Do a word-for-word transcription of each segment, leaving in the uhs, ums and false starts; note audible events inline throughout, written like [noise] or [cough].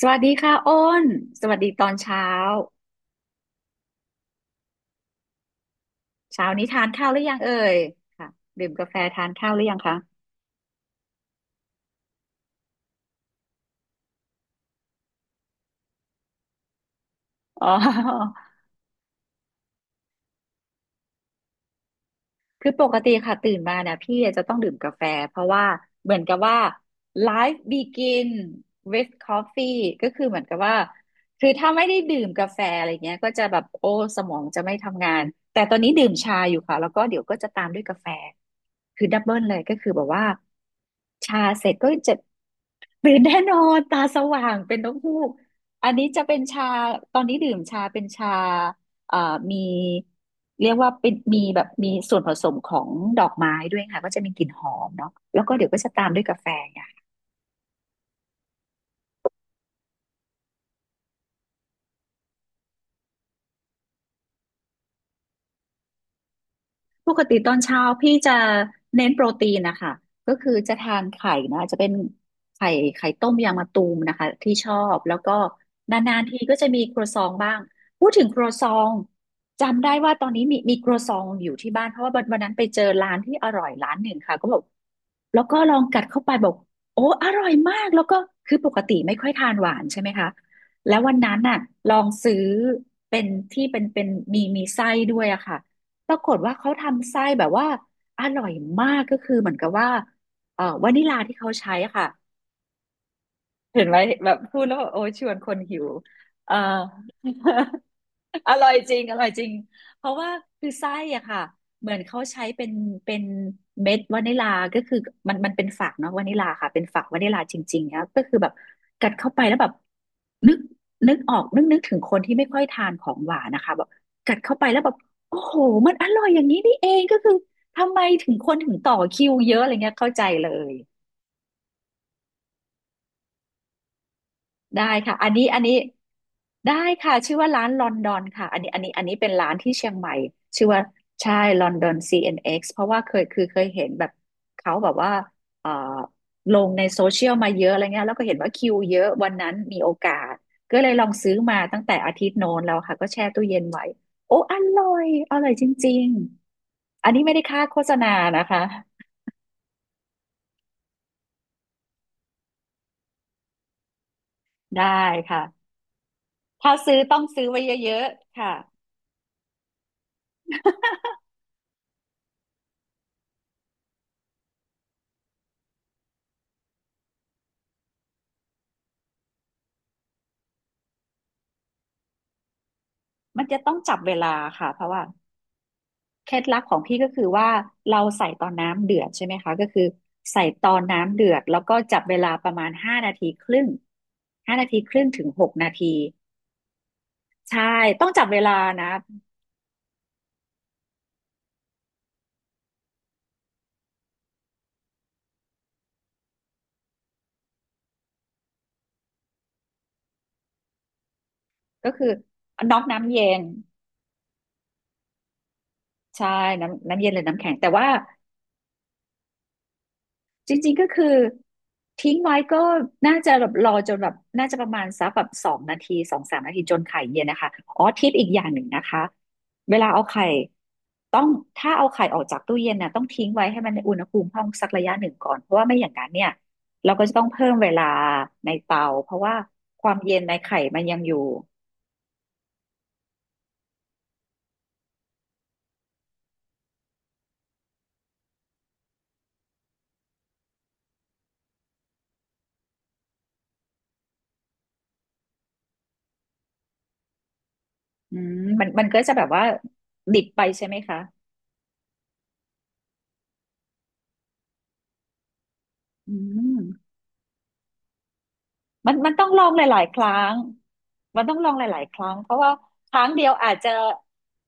สวัสดีค่ะอ้นสวัสดีตอนเช้าเช้านี้ทานข้าวหรือยังเอ่ยค่ะดื่มกาแฟทานข้าวหรือยังคะอ๋อ [laughs] คือปกติค่ะตื่นมาเนี่ยพี่จะต้องดื่มกาแฟเพราะว่าเหมือนกับว่า life begin with coffee ก็คือเหมือนกับว่าคือถ้าไม่ได้ดื่มกาแฟอะไรเงี้ยก็จะแบบโอ้สมองจะไม่ทำงานแต่ตอนนี้ดื่มชาอยู่ค่ะแล้วก็เดี๋ยวก็จะตามด้วยกาแฟ คือดับเบิลเลยก็คือแบบว่าชาเสร็จก็จะตื่นแน่นอนตาสว่างเป็นนกฮูกอันนี้จะเป็นชาตอนนี้ดื่มชาเป็นชาเอ่อมีเรียกว่าเป็นมีแบบมีส่วนผสมของดอกไม้ด้วยค่ะก็จะมีกลิ่นหอมเนาะแล้วก็เดี๋ยวก็จะตามด้วยกาแฟ ปกติตอนเช้าพี่จะเน้นโปรตีนนะคะก็คือจะทานไข่นะจะเป็นไข่ไข่ต้มยางมะตูมนะคะที่ชอบแล้วก็นานๆทีก็จะมีครัวซองบ้างพูดถึงครัวซองจำได้ว่าตอนนี้มีมีครัวซองอยู่ที่บ้านเพราะว่าวันวันนั้นไปเจอร้านที่อร่อยร้านหนึ่งค่ะก็บอก แล้วก็ลองกัดเข้าไปบอกโอ้อร่อยมากแล้วก็คือปกติไม่ค่อยทานหวานใช่ไหมคะแล้ววันนั้นน่ะลองซื้อเป็นที่เป็นเป็นมีมีไส้ด้วยอะค่ะปรากฏว่าเขาทำไส้แบบว่าอร่อยมากก็คือเหมือนกับว่าเอ่อวานิลาที่เขาใช้อะค่ะ เห็นไหมแบบพูดแล้วแบบโอ้ยชวนคนหิวเอ่อ [laughs] อร่อยจริงอร่อยจริงเพราะว่าคือไส้อะค่ะเหมือนเขาใช้เป็นเป็นเม็ดวานิลาก็คือมันมันเป็นฝักเนาะวานิลาค่ะเป็นฝักวานิลาจริงๆนะก็คือแบบกัดเข้าไปแล้วแบบนึกนึกออกนึกนึกถึงคนที่ไม่ค่อยทานของหวานนะคะแบบกัดเข้าไปแล้วแบบโอ้โหมันอร่อยอย่างนี้นี่เองก็คือทำไมถึงคนถึงต่อคิวเยอะอะไรเงี้ยเข้าใจเลย ได้ค่ะ อันนี้ อันนี้ ได้ค่ะ ชื่อว่าร้านลอนดอนค่ะอันนี้อันนี้อันนี้เป็นร้านที่เชียงใหม่ ชื่อว่า ใช่ลอนดอน ซี เอ็น เอ็กซ์ เอ็นเอ็กซ์เพราะว่าเคยคือเคยเห็นแบบเขาแบบว่าเอ่อลงในโซเชียลมาเยอะอะไรเงี้ยแล้วก็เห็นว่าคิวเยอะวันนั้นมีโอกาส ก็เลยลองซื้อมาตั้งแต่อาทิตย์โน้นแล้วค่ะ ก็แช่ตู้เย็นไว้โอ้อร่อย อร่อยจริงๆอันนี้ไม่ได้ค่าโฆษณานะคะได้ค่ะถ้าซื้อต้องซื้อไว้เยอะๆค่ะมันจะต้องจับเวลาค่ะเพราะว่า เคล็ดลับของพี่ก็คือว่าเราใส่ตอนน้ำเดือดใช่ไหมคะก็คือใส่ตอนน้ำเดือดแล้วก็จับเวลาประมาณห้านาทีครึ่งห้านาทีครึ่งถึงหกนาทีใช่ต้องจับเวลานะก็คือน็อกน้ำเย็นใช่น้ำน้ำเย็นหรือน้ำแข็งแต่ว่า จริงๆก็คือทิ้งไว้ก็น่าจะแบบรอจนแบบน่าจะประมาณสักแบบสองนาทีสองสามนาทีจนไข่เย็นนะคะอ๋อทิปอีกอย่างหนึ่งนะคะเวลาเอาไข่ต้องถ้าเอาไข่ออกจากตู้เย็นน่ะต้องทิ้งไว้ให้มันในอุณหภูมิห้องสักระยะหนึ่งก่อนเพราะว่าไม่อย่างนั้นเนี่ยเราก็จะต้องเพิ่มเวลาในเตาเพราะว่าความเย็นในไข่มันยังอยู่อืมมันมันก็จะแบบว่าดิบไปใช่ไหมคะอืม มันมันต้องลองหลายๆครั้งมันต้องลองหลายๆครั้งเพราะว่าครั้งเดียวอาจจะ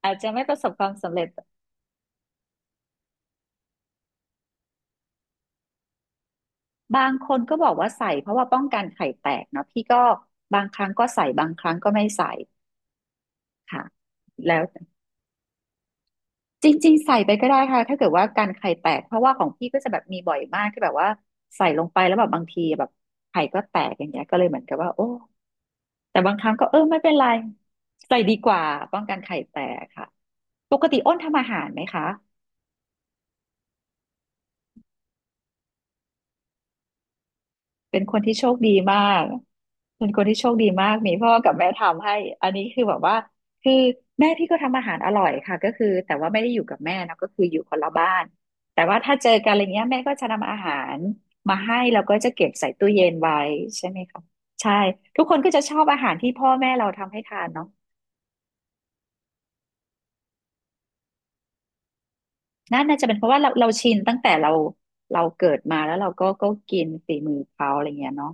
อาจจะไม่ประสบความสำเร็จบางคนก็บอกว่าใส่เพราะว่าป้องกันไข่แตกเนาะพี่ก็บางครั้งก็ใส่บางครั้งก็ไม่ใส่ค่ะแล้วจริงๆใส่ไปก็ได้ค่ะถ้าเกิดว่าการไข่แตกเพราะว่าของพี่ก็จะแบบมีบ่อยมากที่แบบว่าใส่ลงไปแล้วแบบบางทีแบบไข่ก็แตกอย่างเงี้ยก็เลยเหมือนกับว่าโอ้แต่บางครั้งก็เออไม่เป็นไรใส่ดีกว่าป้องกันไข่แตกค่ะปกติอ้นทำอาหารไหมคะ เป็นคนที่โชคดีมาก เป็นคนที่โชคดีมากมีพ่อกับแม่ทำให้ อันนี้คือแบบว่า คือแม่พี่ก็ทำอาหารอร่อยค่ะก็คือแต่ว่าไม่ได้อยู่กับแม่นะก็คืออยู่คนละบ้านแต่ว่าถ้าเจอกันอะไรเงี้ยแม่ก็จะนำอาหารมาให้แล้วก็จะเก็บใส่ตู้เย็นไว้ใช่ไหมคะใช่ทุกคนก็จะชอบอาหารที่พ่อแม่เราทำให้ทานเนาะนั่นน่าจะเป็นเพราะว่าเราเราชินตั้งแต่เราเราเกิดมาแล้วเราก็ก็กินฝีมือเขาอะไรเงี้ยเนาะ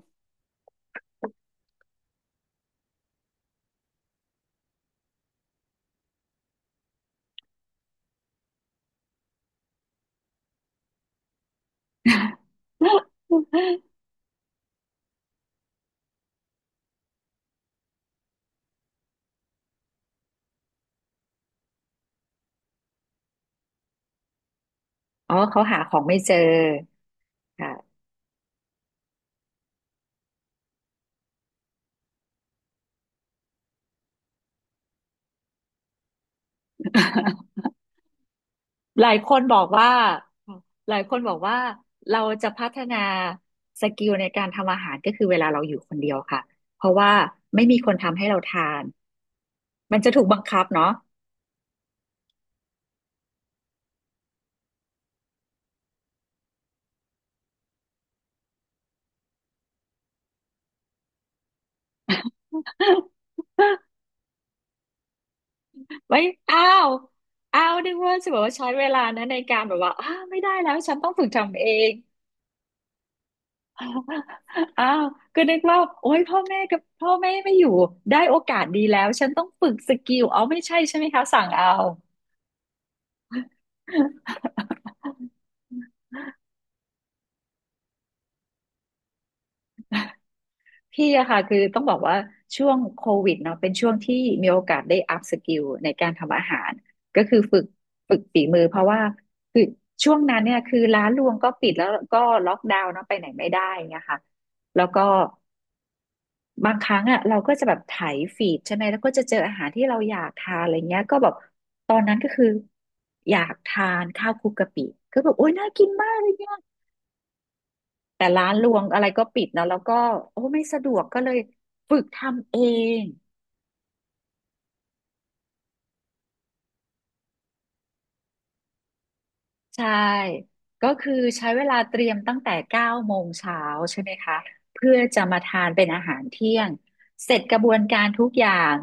[laughs] อ๋อเขาหาของไม่เจอค่ะ หลายคนบอกว่าหลายคนบอกว่าเราจะพัฒนาสกิลในการทำอาหารก็คือเวลาเราอยู่คนเดียวค่ะเพราะว่าไม่มีคนทำให้เราทานมันจะถูกบังคับเนาะ [laughs] ไม่อ้าวอ้าวนึกว่าจะบอกว่าใช้เวลานะในการแบบว่าอ้าวไม่ได้แล้วฉันต้องฝึกทำเอง [laughs] อ้าวก็นึกว่าโอ๊ยพ่อแม่กับพ่อแม่ไม่อยู่ได้โอกาสดีแล้วฉันต้องฝึกสกิลเอาไม่ใช่ใช่ไหมคะสั่งเอา พี่อะค่ะคือต้องบอกว่าช่วงโควิดเนาะเป็นช่วงที่มีโอกาสได้อัพสกิลในการทำอาหารก็คือฝึกฝึกฝีมือเพราะว่าคือช่วงนั้นเนี่ยคือร้านรวงก็ปิดแล้วก็ล็อกดาวน์เนาะไปไหนไม่ได้เงี้ยค่ะแล้วก็บางครั้งอะเราก็จะแบบไถฟีดใช่ไหมแล้วก็จะเจออาหารที่เราอยากทานอะไรเงี้ยก็แบบตอนนั้นก็คืออยากทานข้าวคลุกกะปิก็แบบโอ๊ยน่ากินมากเลยเนี่ย แต่ร้านรวงอะไรก็ปิดเนาะแล้วก็โอ้ไม่สะดวกก็เลยฝึกทำเองใช่ก็คือใช้เวลาเตรียมตั้งแต่เก้าโมงเช้าใช่ไหมคะเพื่อจะมาทานเป็นอาหารเที่ยงเสร็จกระบวนการทุกอย่าง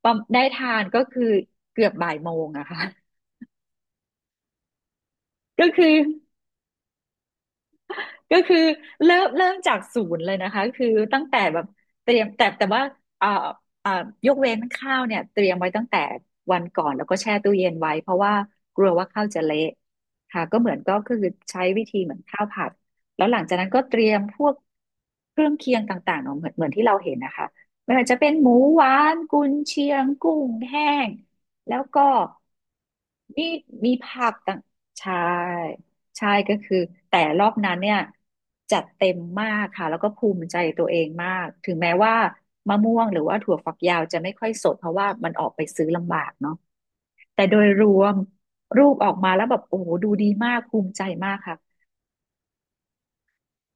ปอมได้ทานก็คือเกือบบ่ายโมงอะค่ะก็คือ ก็คือเริ่มเริ่มจากศูนย์เลยนะคะคือตั้งแต่แบบเตรียมแต่แต่ว่าอ่าอ่ายกเว้นข้าวเนี่ยเตรียมไว้ตั้งแต่วันก่อนแล้วก็แช่ตู้เย็นไว้เพราะว่ากลัวว่าข้าวจะเละค่ะก็เหมือนก็คือใช้วิธีเหมือนข้าวผัดแล้วหลังจากนั้นก็เตรียมพวกเครื่องเคียงต่างๆเนาะเหมือนเหมือนที่เราเห็นนะคะไม่ว่าจะเป็นหมูหวานกุนเชียงกุ้งแห้งแล้วก็มีมีผักต่างใช่ ใช่ก็คือแต่รอบนั้นเนี่ยจัดเต็มมากค่ะแล้วก็ภูมิใจตัวเองมากถึงแม้ว่ามะม่วงหรือว่าถั่วฝักยาวจะไม่ค่อยสดเพราะว่ามันออกไปซื้อลำบากเนาะแต่โดยรวมรูปออกมาแล้วแบบโอ้โหดูดีมากภูมิใจมากค่ะ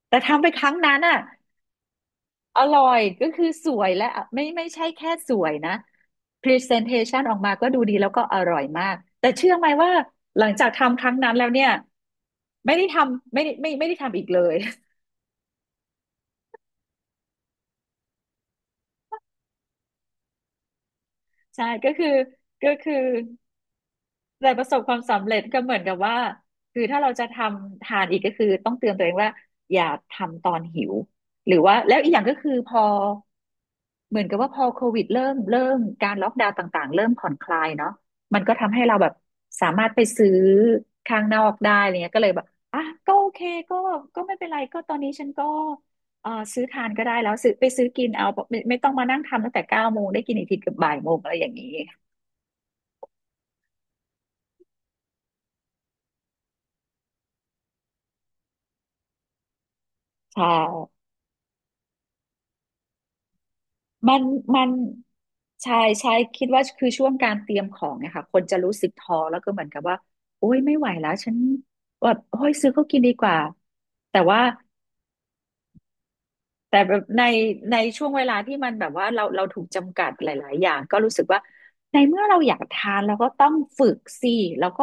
แต่ทำไปครั้งนั้นอ่ะอร่อยก็คือสวยและไม่ไม่ใช่แค่สวยนะ Presentation ออกมาก็ดูดีแล้วก็อร่อยมากแต่เชื่อไหมว่าหลังจากทำครั้งนั้นแล้วเนี่ยไม่ได้ทำไม่ได้ไม่ไม่ได้ทำอีกเลย ใช่ก็คือก็คือแต่ประสบความสำเร็จก็เหมือนกับว่าคือถ้าเราจะทำทานอีกก็คือต้องเตือนตัวเองว่าอย่าทำตอนหิวหรือว่าแล้วอีกอย่างก็คือพอเหมือนกับว่าพอโควิดเริ่มเริ่มการล็อกดาวน์ต่างๆเริ่มผ่อนคลายเนาะมันก็ทำให้เราแบบสามารถไปซื้อข้างนอกได้อะไรเงี้ยก็เลยแบบอ่ะก็โอเคก็ก็ไม่เป็นไรก็ตอนนี้ฉันก็เออซื้อทานก็ได้แล้วซื้อไปซื้อกินเอาไม่ไม่ต้องมานั่งทำตั้งแต่เก้าโมงได้กินอีกทีเกับบ่ายโมงอะไรอย่างนี้ ใช่มันมันใช่ใช่คิดว่าคือช่วงการเตรียมของเนี่ยค่ะคนจะรู้สึกท้อแล้วก็เหมือนกับว่าโอ้ยไม่ไหวแล้วฉันแบบโอ้ยซื้อเขากินดีกว่าแต่ว่าแต่แบบในในช่วงเวลาที่มันแบบว่าเราเราถูกจำกัดหลายๆอย่างก็รู้สึกว่า ในเมื่อเราอยากทานเราก็ต้องฝึกสิแล้วก็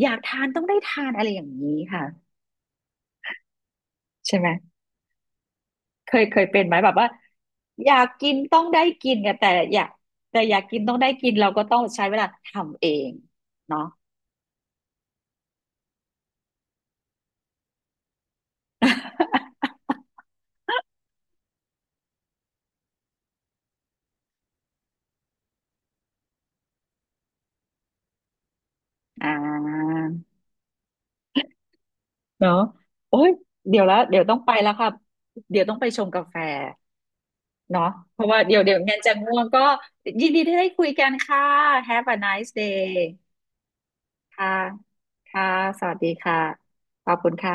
อยากทานต้องได้ทานอะไรอย่างนี้ค่ะใช่ไหม เคยเคยเป็นไหมแบบว่าอยากกินต้องได้กินเนี่ยแต่อยากแต่อยากกินต้องได้กินเราก็ต้องใช้เวลาทำเองเนาะ [laughs] อ่าเนาะโอ้ยเดี๋ยวแล้วเดี๋ยวต้องไปแล้วค่ะเดี๋ยวต้องไปชงกาแฟเนาะเพราะว่าเดี๋ยวเดี๋ยวงั้นจะง่วงก็ยินดีที่ได้คุยกันค่ะ Have a nice day ค่ะค่ะสวัสดีค่ะขอบคุณค่ะ